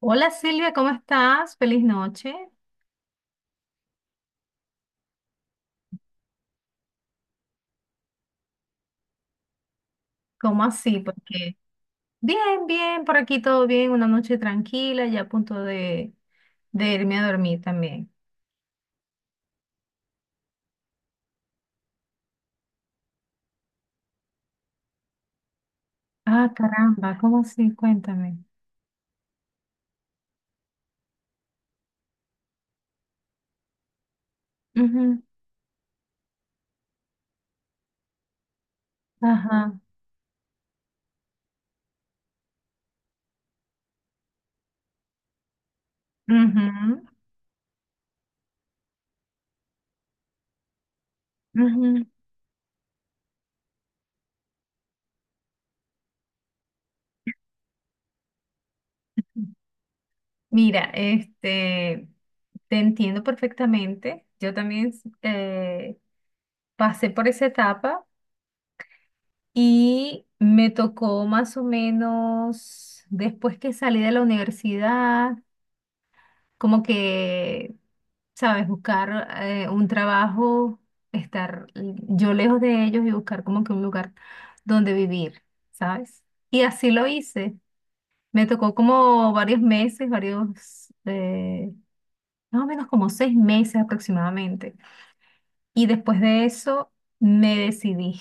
Hola Silvia, ¿cómo estás? Feliz noche. ¿Cómo así? Porque bien, bien, por aquí todo bien, una noche tranquila, ya a punto de irme a dormir también. Ah, caramba, ¿cómo así? Cuéntame. Ujú. Ajá. Ujú, ujú. Mira, te entiendo perfectamente. Yo también eh, pasé por esa etapa y me tocó más o menos después que salí de la universidad. Como que, sabes, buscar un trabajo, estar yo lejos de ellos y buscar como que un lugar donde vivir, ¿sabes? Y así lo hice. Me tocó como varios meses, varios, más o menos como seis meses aproximadamente. Y después de eso me decidí.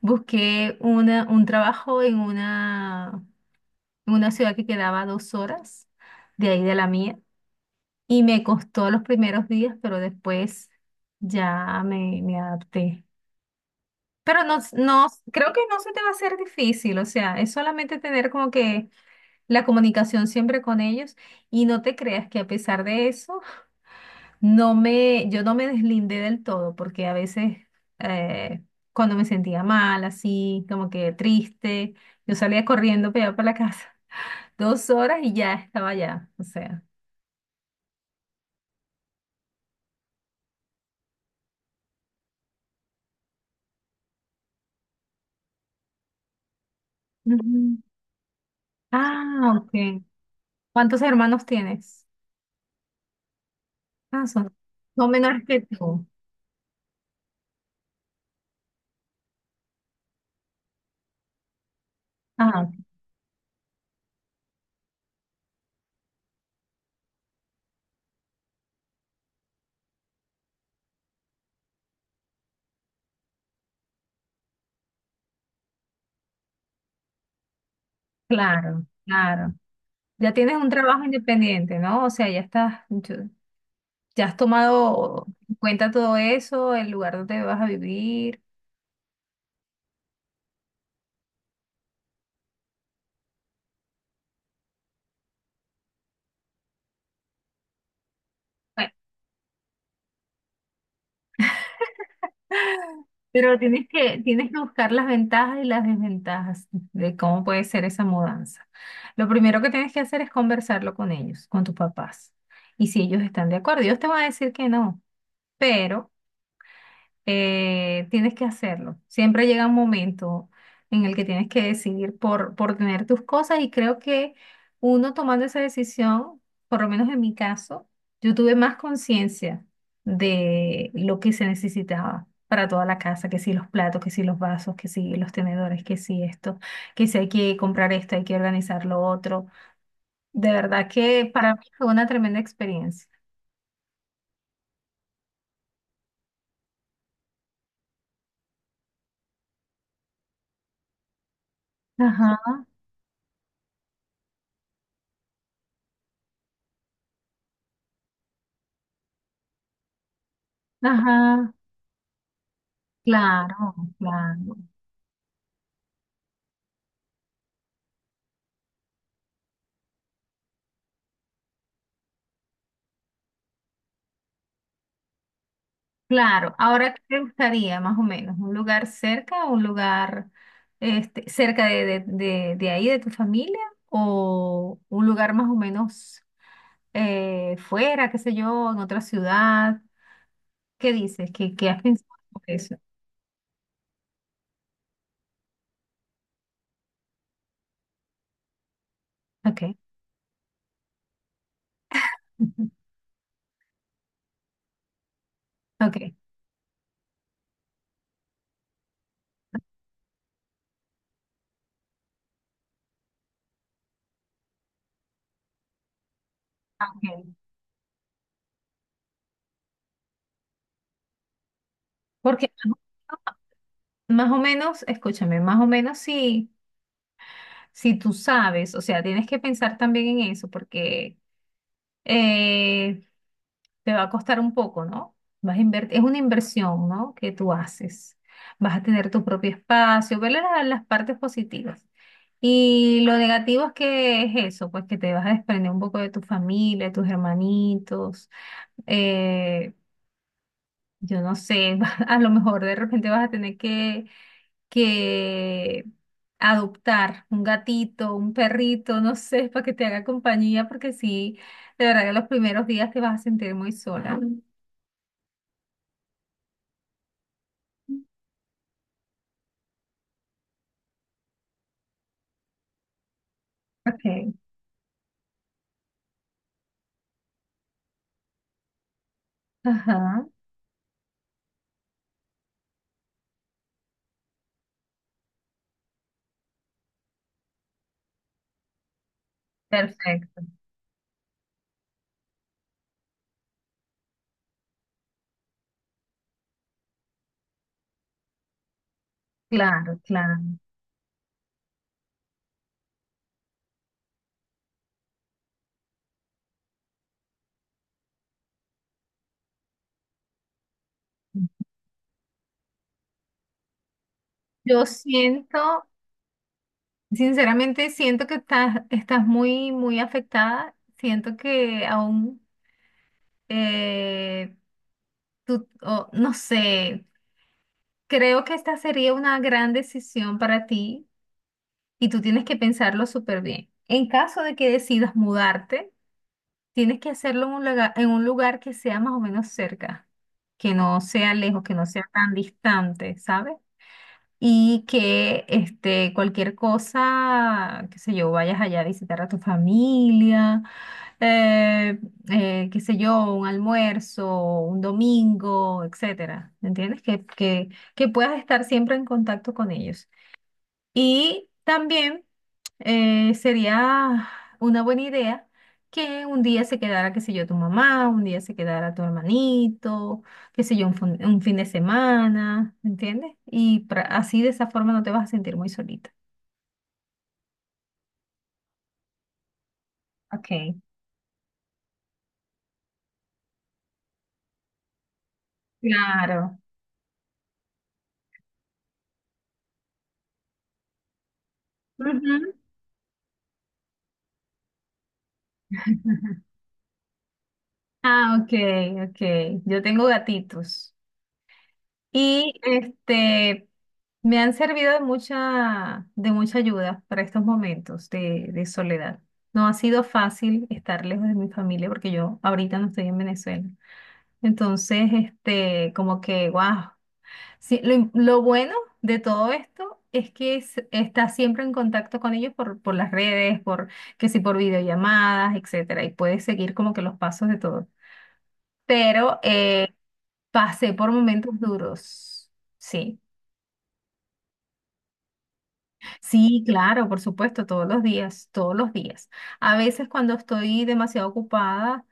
Busqué una, un trabajo en una ciudad que quedaba a dos horas de ahí de la mía. Y me costó los primeros días, pero después ya me adapté. Pero no, s- no, s- creo que no se te va a hacer difícil, o sea, es solamente tener como que la comunicación siempre con ellos y no te creas que a pesar de eso, no me, yo no me deslindé del todo, porque a veces eh, cuando me sentía mal, así, como que triste, yo salía corriendo para allá para la casa, dos horas y ya estaba allá, o sea. Ujú. Ah, ok. ¿Cuántos hermanos tienes? Ah, son, son menores que tú. Ah, claro, claro. Ya tienes un trabajo independiente, ¿no? O sea, ya estás, yo- ya has tomado en cuenta todo eso, el lugar donde vas a vivir. Bueno, pero tienes que buscar las ventajas y las desventajas de cómo puede ser esa mudanza. Lo primero que tienes que hacer es conversarlo con ellos, con tus papás. Y si ellos están de acuerdo, ellos te van a decir que no, pero tienes que hacerlo. Siempre llega un momento en el que tienes que decidir por tener tus cosas y creo que uno tomando esa decisión, por lo menos en mi caso, yo tuve más conciencia de lo que se necesitaba para toda la casa, que si los platos, que si los vasos, que si los tenedores, que si esto, que si hay que comprar esto, hay que organizar lo otro. De verdad que para mí fue una tremenda experiencia. Ajá, ajá, claro, claro. Claro, ahora qué te gustaría más o menos, un lugar cerca, un lugar cerca de ahí, de tu familia, o un lugar más o menos fuera, qué sé yo, en otra ciudad. ¿Qué dices? ¿Qué, qué has pensado sobre eso? Ok, ujú, ok, ah, ok. Porque más o menos, escúchame, más o menos si, si tú sabes, o sea, tienes que pensar también en eso, porque eh, te va a costar un poco, ¿no? Vas a invertir, es una inversión, ¿no? Que tú haces. Vas a tener tu propio espacio, verle la- las partes positivas. Y lo negativo es que es eso, pues que te vas a desprender un poco de tu familia, de tus hermanitos. eh, yo no sé, a lo mejor de repente vas a tener que adoptar un gatito, un perrito, no sé, para que te haga compañía, porque sí, de verdad que los primeros días te vas a sentir muy sola. Ok, ajá, perfecto, claro, claro. Yo siento, sinceramente, siento que estás, estás muy, muy afectada. Siento que aún, eh, tú, o no sé, creo que esta sería una gran decisión para ti y tú tienes que pensarlo súper bien. En caso de que decidas mudarte, tienes que hacerlo en un lugar que sea más o menos cerca, que no sea lejos, que no sea tan distante, ¿sabes? Y que este, cualquier cosa, qué sé yo, vayas allá a visitar a tu familia, eh, qué sé yo, un almuerzo, un domingo, etcétera. ¿Me entiendes? Que que puedas estar siempre en contacto con ellos. Y también sería una buena idea que un día se quedara, qué sé yo, tu mamá, un día se quedara tu hermanito, qué sé yo, un fin de semana, ¿me entiendes? Y así de esa forma no te vas a sentir muy solita. Okay, claro. Ujú. Ah, ok, ok. Yo tengo gatitos. Y este, me han servido de mucha ayuda para estos momentos de soledad. No ha sido fácil estar lejos de mi familia porque yo ahorita no estoy en Venezuela. Entonces, este, como que, wow. Sí, lo, lo bueno de todo esto es que estás siempre en contacto con ellos por las redes, por que si por videollamadas, etcétera, y puedes seguir como que los pasos de todo. Pero pasé por momentos duros, sí. Sí, claro, por supuesto, todos los días, todos los días. A veces cuando estoy demasiado ocupada,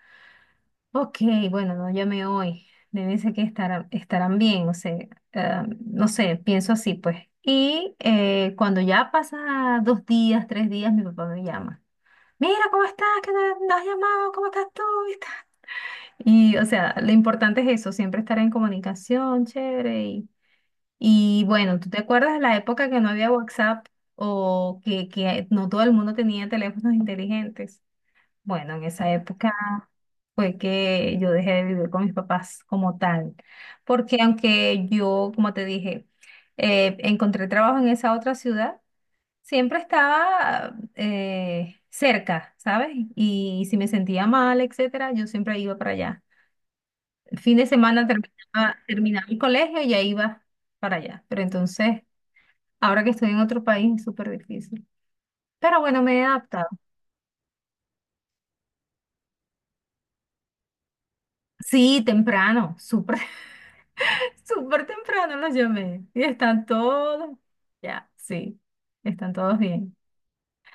ok, bueno, no llamé hoy, debe ser que estarán, estarán bien, o sea, ah, no sé, pienso así, pues. Y cuando ya pasa dos días, tres días, mi papá me llama. Mira, ¿cómo estás? ¿Qué no, no has llamado? ¿Cómo estás tú? Y, tal. Y, o sea, lo importante es eso, siempre estar en comunicación, chévere, y bueno, ¿tú te acuerdas de la época que no había WhatsApp o que no todo el mundo tenía teléfonos inteligentes? Bueno, en esa época fue que yo dejé de vivir con mis papás como tal, porque aunque yo, como te dije, encontré trabajo en esa otra ciudad, siempre estaba cerca, ¿sabes? Y si me sentía mal, etcétera, yo siempre iba para allá. Fin de semana terminaba, terminaba el colegio y ya iba para allá. Pero entonces... Ahora que estoy en otro país es súper difícil. Pero bueno, me he adaptado. Sí, temprano, súper, súper temprano los llamé. Y están todos, ya, sí, están todos bien.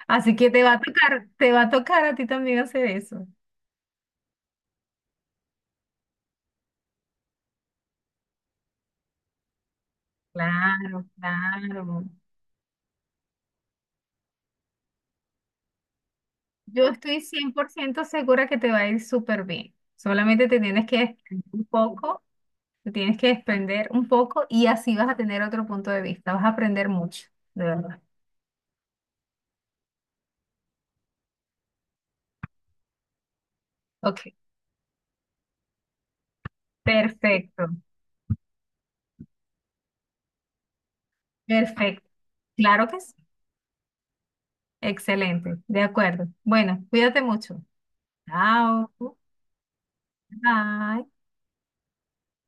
Así que te va a tocar, te va a tocar a ti también hacer eso. Claro, claro. Yo estoy 100% segura que te va a ir súper bien. Solamente te tienes que desprender un poco, te tienes que desprender un poco y así vas a tener otro punto de vista. Vas a aprender mucho, de verdad. Ok. Perfecto, perfecto. Claro que sí. Excelente, de acuerdo. Bueno, cuídate mucho. Chao. Bye.